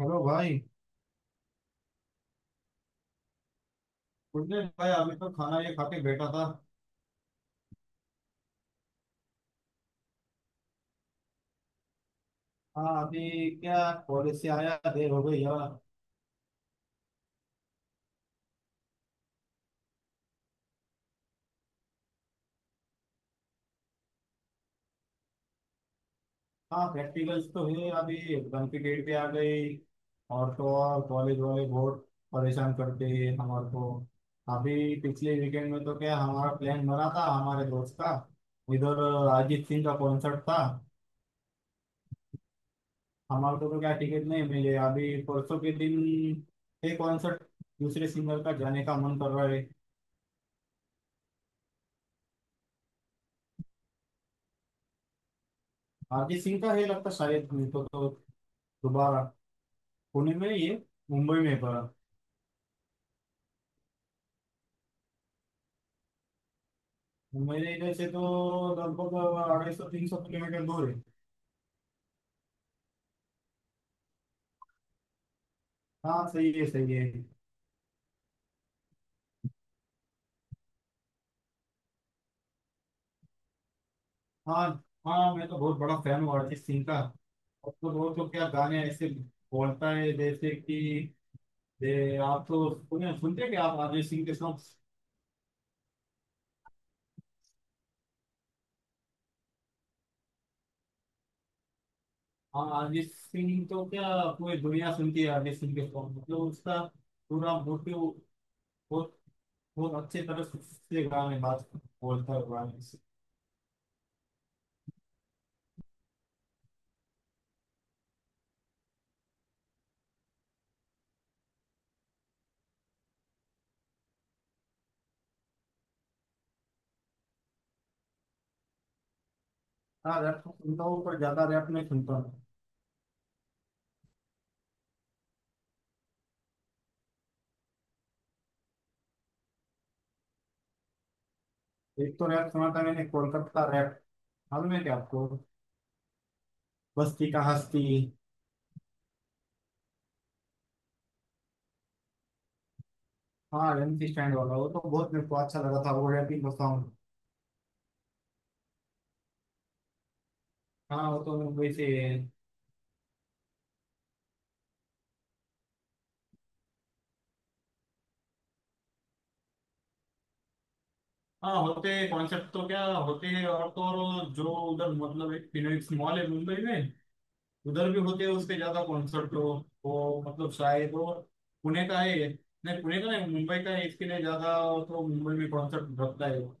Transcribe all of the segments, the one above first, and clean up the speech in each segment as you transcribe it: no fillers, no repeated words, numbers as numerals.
Hello भाई। कुछ दिन भाई, अभी तो खाना ये खा के बैठा था। हाँ अभी क्या, कॉलेज से आया, देर हो गई यार। हाँ प्रैक्टिकल्स तो है अभी, एग्जाम की डेट पे आ गई। और तो और कॉलेज वाले बहुत परेशान करते हैं हमारे को। अभी पिछले वीकेंड में तो क्या हमारा प्लान बना था, हमारे दोस्त का, इधर अरिजीत सिंह का कॉन्सर्ट था। हमारे को तो क्या टिकट नहीं मिले, अभी परसों के दिन ये कॉन्सर्ट दूसरे सिंगर का जाने का मन कर रहा है। आरके सिंह का है लगता, शायद नहीं तो दोबारा पुणे में ये, मुंबई में पड़ा। मुंबई में इधर से तो लगभग 250-300 किलोमीटर दूर है। हाँ सही है, सही है। हाँ, हाँ मैं तो बहुत बड़ा फैन हूँ अरिजीत सिंह का। अब तो बहुत तो क्या गाने ऐसे बोलता है, जैसे कि आप तो सुने, सुनते क्या आप अरिजीत सिंह के सॉन्ग। हाँ अरिजीत सिंह तो क्या पूरी दुनिया सुनती है अरिजीत सिंह के सॉन्ग, मतलब उसका पूरा मोटिव, वो अच्छी तरह से गाने बात बोलता हुआ है गाने से। हाँ रैप तो सुनता हूँ पर ज्यादा रैप नहीं सुनता हूँ। एक तो रैप सुना था मैंने, कोलकाता रैप, मालूम है क्या आपको, बस्ती का हस्ती। हाँ एमसी स्टैंड वाला, वो तो बहुत मेरे को अच्छा लगा था वो रैपिंग का सॉन्ग। हाँ वो तो मुंबई से। हाँ होते कॉन्सेप्ट तो क्या होते हैं, और तो और जो उधर मतलब एक फिनोलेक्स मॉल है मुंबई में, उधर भी होते हैं उसके ज्यादा कॉन्सर्ट हो। वो मतलब शायद वो पुणे का है, नहीं पुणे का नहीं, मुंबई का है इसके लिए ज्यादा, तो मुंबई में कॉन्सर्ट रखता है वो।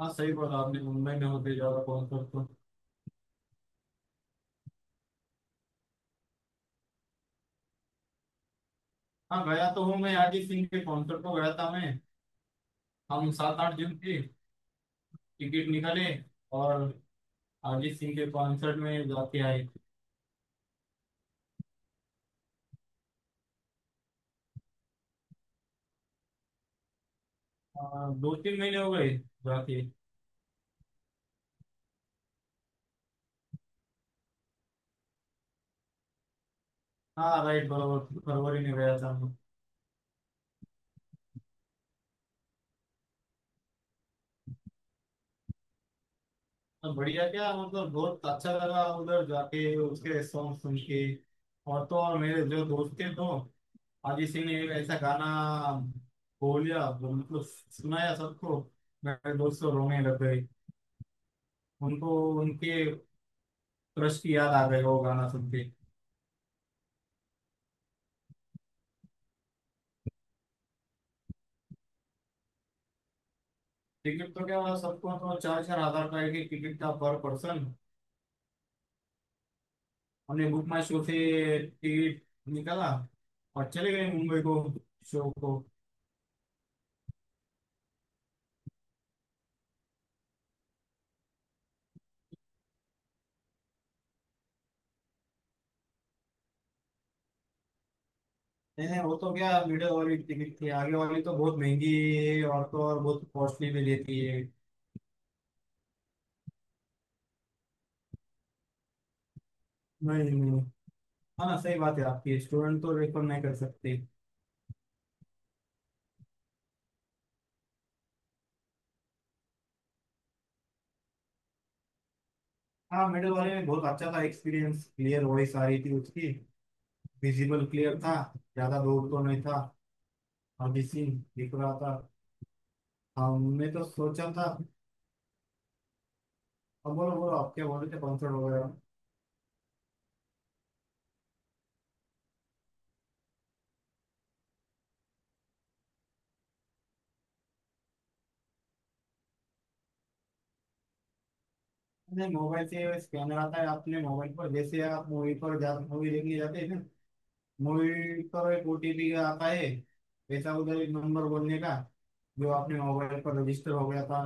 हाँ सही बोला आपने, मुंबई में होते ज्यादा कॉन्सर्ट तो। हाँ गया तो हूँ मैं, अरिजीत सिंह के कॉन्सर्ट को गया था मैं। हम सात आठ जन थे, टिकट निकाले और अरिजीत सिंह के कॉन्सर्ट में जाके आए। 2-3 महीने हो गए जाके। हाँ राइट, बराबर, फरवरी में गया था। अब बढ़िया क्या मतलब बहुत अच्छा लगा उधर जाके उसके सॉन्ग सुन के। और तो और मेरे जो दोस्त थे, तो अजीत सिंह ने एक ऐसा गाना बोलिया, मतलब सुनाया सबको, मेरे दोस्त तो रोने लग गए। उनको उनके क्रश की याद आ गई वो गाना सुन के। टिकट तो क्या हुआ, सबको तो 4-4 हज़ार का एक एक टिकट था पर पर्सन। हमने बुक माई शो से टिकट निकाला और चले गए मुंबई को, शो को। नहीं नहीं, वो तो क्या वीडियो वाली टिकट थी, आगे वाली तो बहुत महंगी है, और तो और बहुत कॉस्टली भी लेती है। नहीं नहीं, हाँ ना सही बात है आपकी, स्टूडेंट तो रेफर नहीं कर सकते। हाँ मिडिल वाले में बहुत अच्छा था एक्सपीरियंस, क्लियर वॉइस आ रही थी उसकी, विजिबल क्लियर था, ज्यादा दूर तो नहीं था, अभी सीन दिख रहा था। हमने तो सोचा था। अब बोलो बोलो, आप क्या बोल रहे थे कॉन्सर्ट वगैरह। नहीं मोबाइल से स्कैनर आता है अपने मोबाइल पर, जैसे आप मूवी पर जा मूवी देखने जाते हैं ना, मूवी पर एक ओटीपी आता है, ऐसा उधर एक नंबर बोलने का, जो आपने मोबाइल पर रजिस्टर हो गया था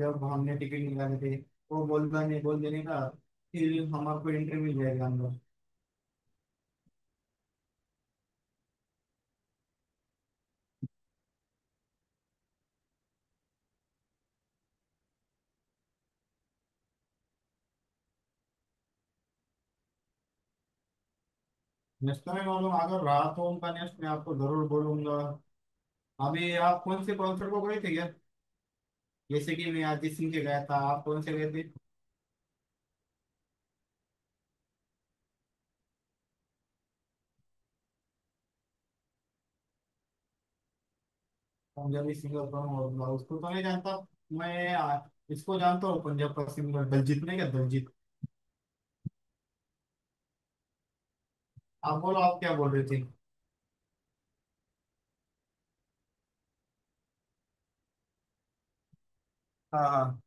जब हमने टिकट निकाले थे, वो बोलता नहीं, बोल देने का, फिर हमारे को एंट्री मिल जाएगा अंदर। नेक्स्ट टाइम मालूम अगर रहा तो उनका नेक्स्ट मैं आपको जरूर बोलूंगा। अभी आप कौन से कॉन्सर्ट को गए थे क्या? जैसे कि मैं अरिजीत सिंह के गया था, आप कौन से गए थे? पंजाबी सिंगर कौन होगा, उसको तो नहीं जानता मैं। इसको जानता हूँ, पंजाब का सिंगर दलजीत, नहीं क्या दलजीत? आप बोलो, आप क्या बोल रहे थे। हाँ हाँ,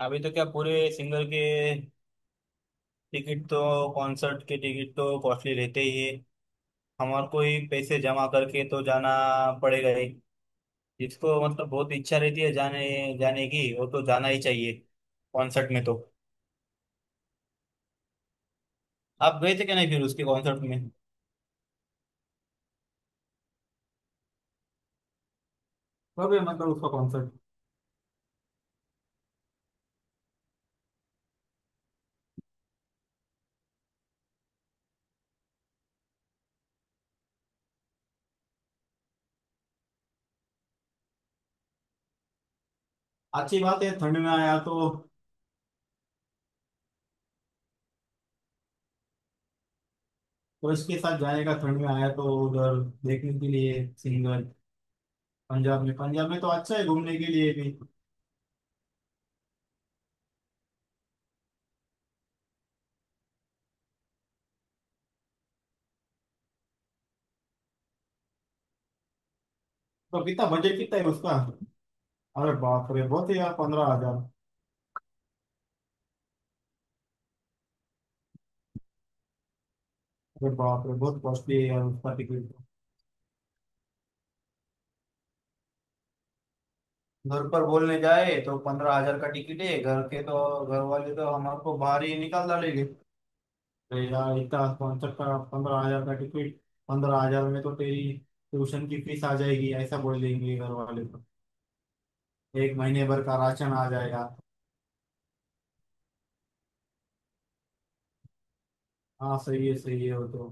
अभी तो क्या पूरे सिंगर के टिकट तो, कॉन्सर्ट के टिकट तो कॉस्टली रहते ही है, हमारे को ही पैसे जमा करके तो जाना पड़ेगा ही। जिसको मतलब बहुत इच्छा रहती है जाने, जाने की, वो तो जाना ही चाहिए कॉन्सर्ट में तो। आप गए थे क्या नहीं फिर उसके कॉन्सर्ट में, और भी मतलब उसका कॉन्सर्ट। अच्छी बात है ठंड में आया तो, और इसके साथ जाने का, ठंड में आया तो उधर देखने के लिए सिंगर। पंजाब में, पंजाब में तो अच्छा है घूमने के लिए भी। तो कितना बजट, कितना है उसका? अरे बाप रे, बहुत है यार 15 हज़ार। अरे बाप रे, बहुत कॉस्टली है यार उसका टिकट तो। घर पर बोलने जाए तो 15 हज़ार का टिकट है घर के तो, घर वाले तो हमारे को बाहर ही निकाल डालेंगे। अरे यार इतना कॉन्सर्ट का, 15 हज़ार का टिकट, 15 हज़ार में तो तेरी ट्यूशन की फीस आ जाएगी ऐसा बोल देंगे घर वाले तो, एक महीने भर का राशन आ जाएगा। हाँ सही है, सही है वो तो।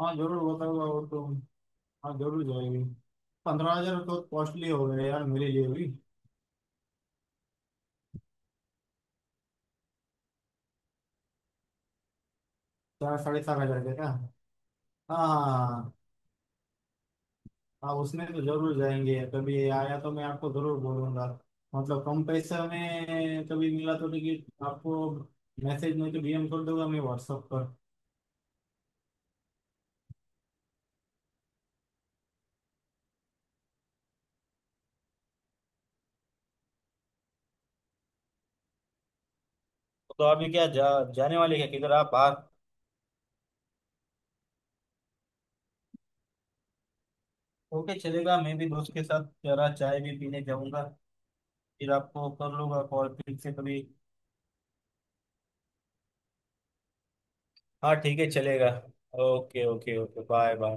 हाँ जरूर बताऊंगा वो तो, हाँ जरूर जाएगी। पंद्रह हजार तो कॉस्टली हो गए यार मेरे लिए भी। चार साढ़े चार हजार का क्या? हाँ हाँ हाँ, हाँ। हाँ उसमें तो जरूर जाएंगे, कभी आया तो मैं आपको जरूर बोलूंगा, मतलब कम पैसा में कभी मिला तो टिकट आपको, मैसेज में तो डीएम कर दूंगा मैं व्हाट्सएप पर। तो अभी क्या जाने वाले क्या, किधर आप, बाहर? ओके चलेगा, मैं भी दोस्त के साथ जरा चाय भी पीने जाऊंगा, फिर आपको कर लूंगा कॉल फिर से कभी। हाँ ठीक है चलेगा। Okay okay okay, bye bye.